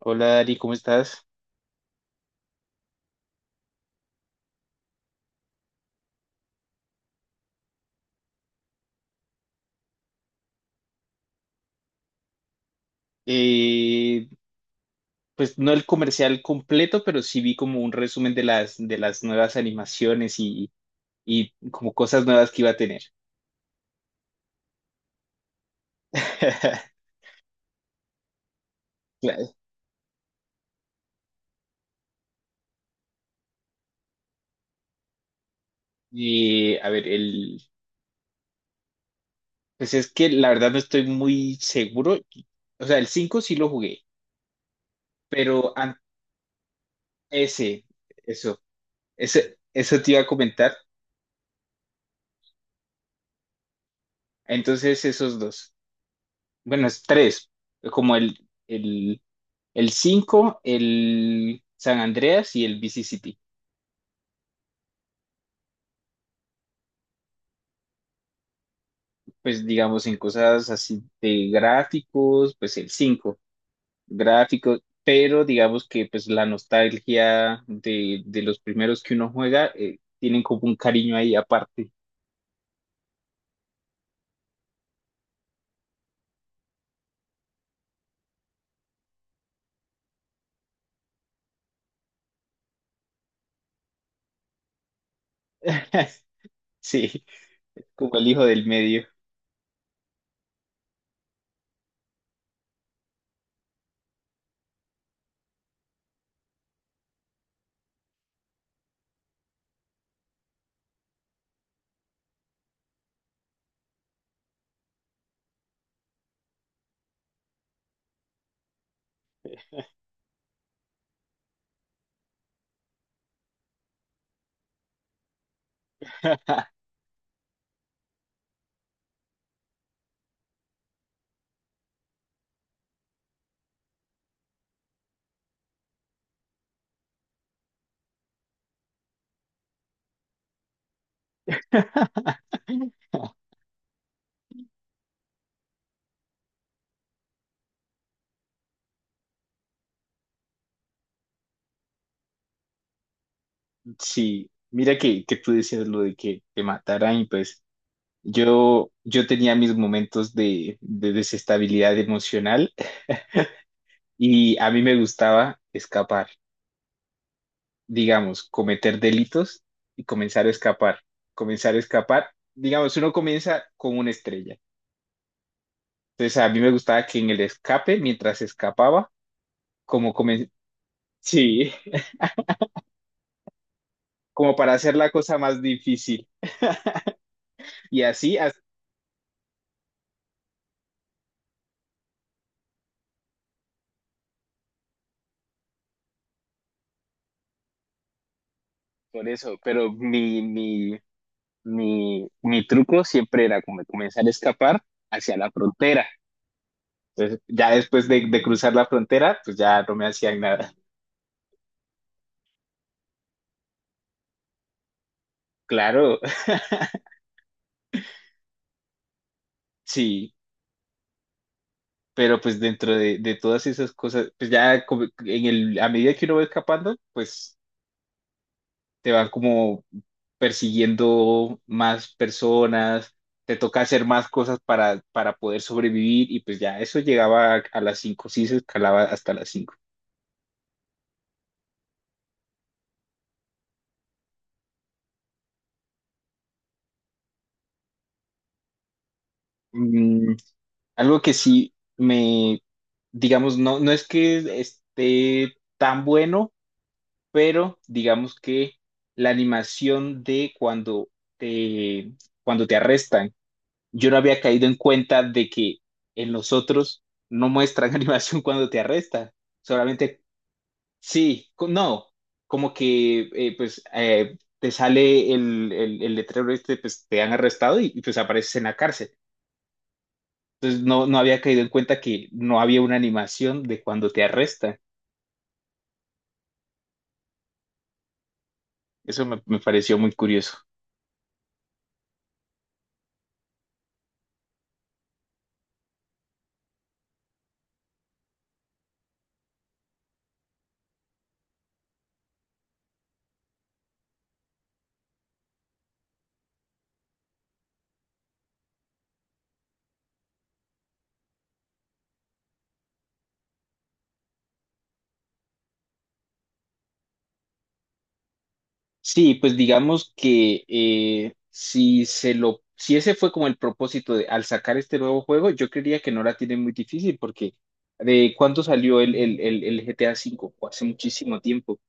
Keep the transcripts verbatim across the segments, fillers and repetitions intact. Hola Dari, ¿cómo estás? Eh, pues no el comercial completo, pero sí vi como un resumen de las, de las nuevas animaciones y, y como cosas nuevas que iba a tener. Claro. Y a ver, el, pues es que la verdad no estoy muy seguro. O sea, el cinco sí lo jugué, pero an- ese, eso, ese, eso te iba a comentar. Entonces esos dos. Bueno, es tres, como el, el El cinco, el San Andreas y el V C City. Pues digamos en cosas así de gráficos, pues el cinco gráficos, pero digamos que pues la nostalgia de, de los primeros que uno juega eh, tienen como un cariño ahí aparte. Sí, como el hijo del medio. Sí, mira que, que tú decías lo de que te mataran y pues yo, yo tenía mis momentos de, de desestabilidad emocional. Y a mí me gustaba escapar, digamos, cometer delitos y comenzar a escapar, comenzar a escapar. Digamos, uno comienza con una estrella. Entonces a mí me gustaba que en el escape, mientras escapaba, como comen- sí, como para hacer la cosa más difícil. Y así, hasta por eso, pero mi, mi, mi, mi truco siempre era como comenzar a escapar hacia la frontera. Entonces, ya después de, de cruzar la frontera, pues ya no me hacían nada. Claro, sí. Pero pues dentro de, de todas esas cosas, pues ya como en el, a medida que uno va escapando, pues te van como persiguiendo más personas, te toca hacer más cosas para, para poder sobrevivir y pues ya eso llegaba a, a las cinco, sí se escalaba hasta las cinco. Algo que sí me, digamos, no, no es que esté tan bueno, pero digamos que la animación de cuando te, cuando te arrestan, yo no había caído en cuenta de que en los otros no muestran animación cuando te arrestan. Solamente, sí, co- no, como que eh, pues eh, te sale el, el, el letrero este, pues te han arrestado y, y, pues apareces en la cárcel. Entonces no, no había caído en cuenta que no había una animación de cuando te arrestan. Eso me, me pareció muy curioso. Sí, pues digamos que eh, si se lo, si ese fue como el propósito de al sacar este nuevo juego, yo creería que no la tiene muy difícil porque ¿de cuándo salió el, el, el, el G T A cinco? Fue hace muchísimo tiempo,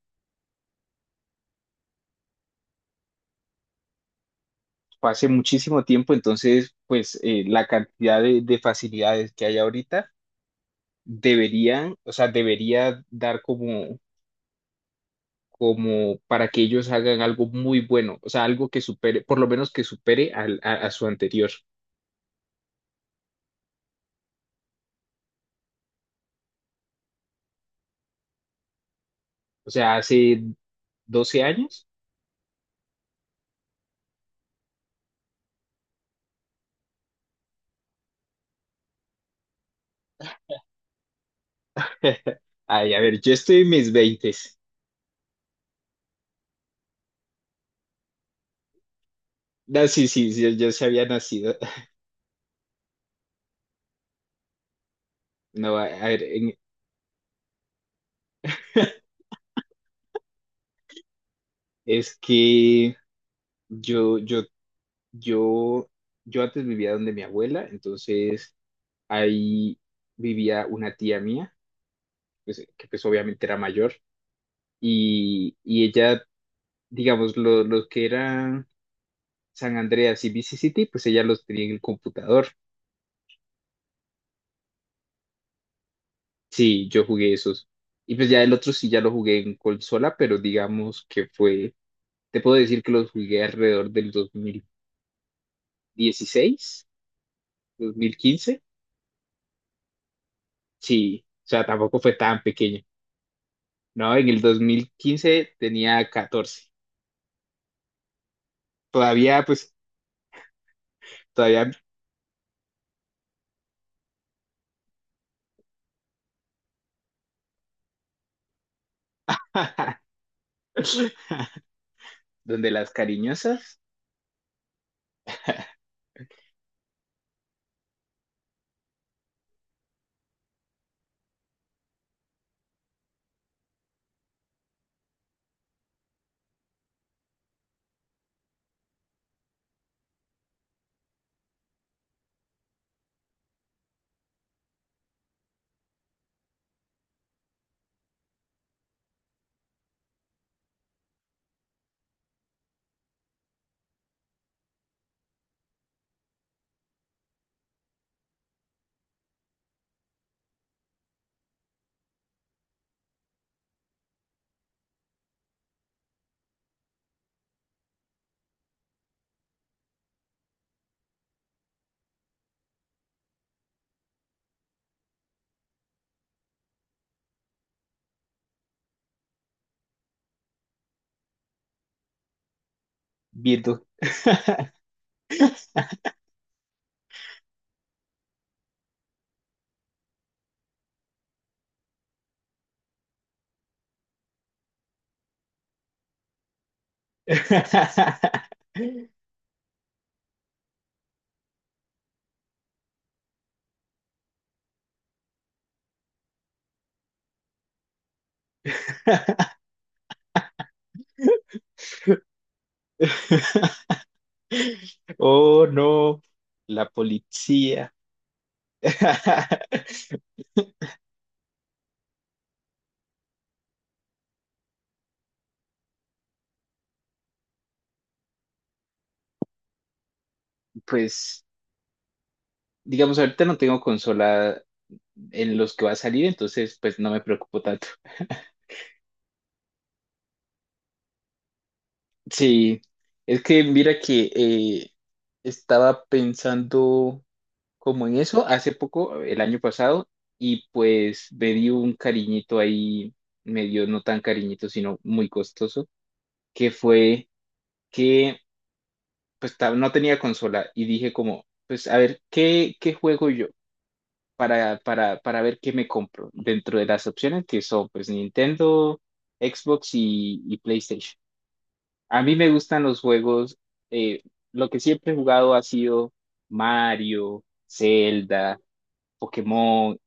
fue hace muchísimo tiempo, entonces pues eh, la cantidad de, de facilidades que hay ahorita deberían, o sea, debería dar como, como para que ellos hagan algo muy bueno, o sea, algo que supere, por lo menos que supere al- a, a su anterior, o sea, hace doce años. Ay, a ver, yo estoy en mis veintes. No, sí, sí, sí, yo, yo sí había nacido. No, a, a ver, en- es que yo, yo, yo, yo antes vivía donde mi abuela, entonces ahí vivía una tía mía, pues, que pues obviamente era mayor, y, y ella, digamos, lo, lo que eran San Andreas y Vice City, pues ella los tenía en el computador. Sí, yo jugué esos. Y pues ya el otro sí ya lo jugué en consola, pero digamos que fue. Te puedo decir que los jugué alrededor del dos dos mil dieciséis, dos mil quince. Sí, o sea, tampoco fue tan pequeño. No, en el dos mil quince tenía catorce. Todavía, pues, todavía, donde las cariñosas, viendo. Oh, no, la policía. Pues, digamos, ahorita no tengo consola en los que va a salir, entonces, pues, no me preocupo tanto. Sí, es que mira que eh, estaba pensando como en eso hace poco, el año pasado, y pues me di un cariñito ahí, medio no tan cariñito, sino muy costoso, que fue que pues ta- no tenía consola y dije como, pues a ver, ¿qué, qué juego yo para, para, para ver qué me compro dentro de las opciones que son pues Nintendo, Xbox y, y PlayStation? A mí me gustan los juegos, eh, lo que siempre he jugado ha sido Mario, Zelda, Pokémon.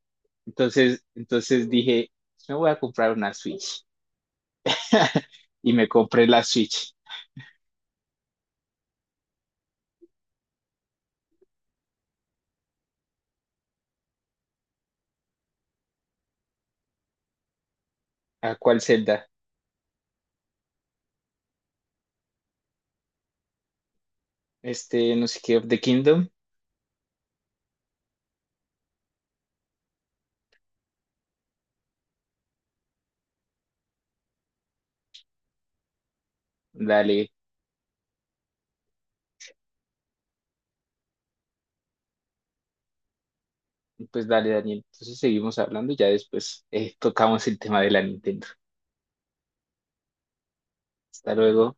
Entonces, entonces dije, me voy a comprar una Switch. Y me compré la Switch. ¿A cuál Zelda? Este, no sé qué, of the Kingdom. Dale, pues dale, Daniel. Entonces seguimos hablando y ya después eh, tocamos el tema de la Nintendo. Hasta luego.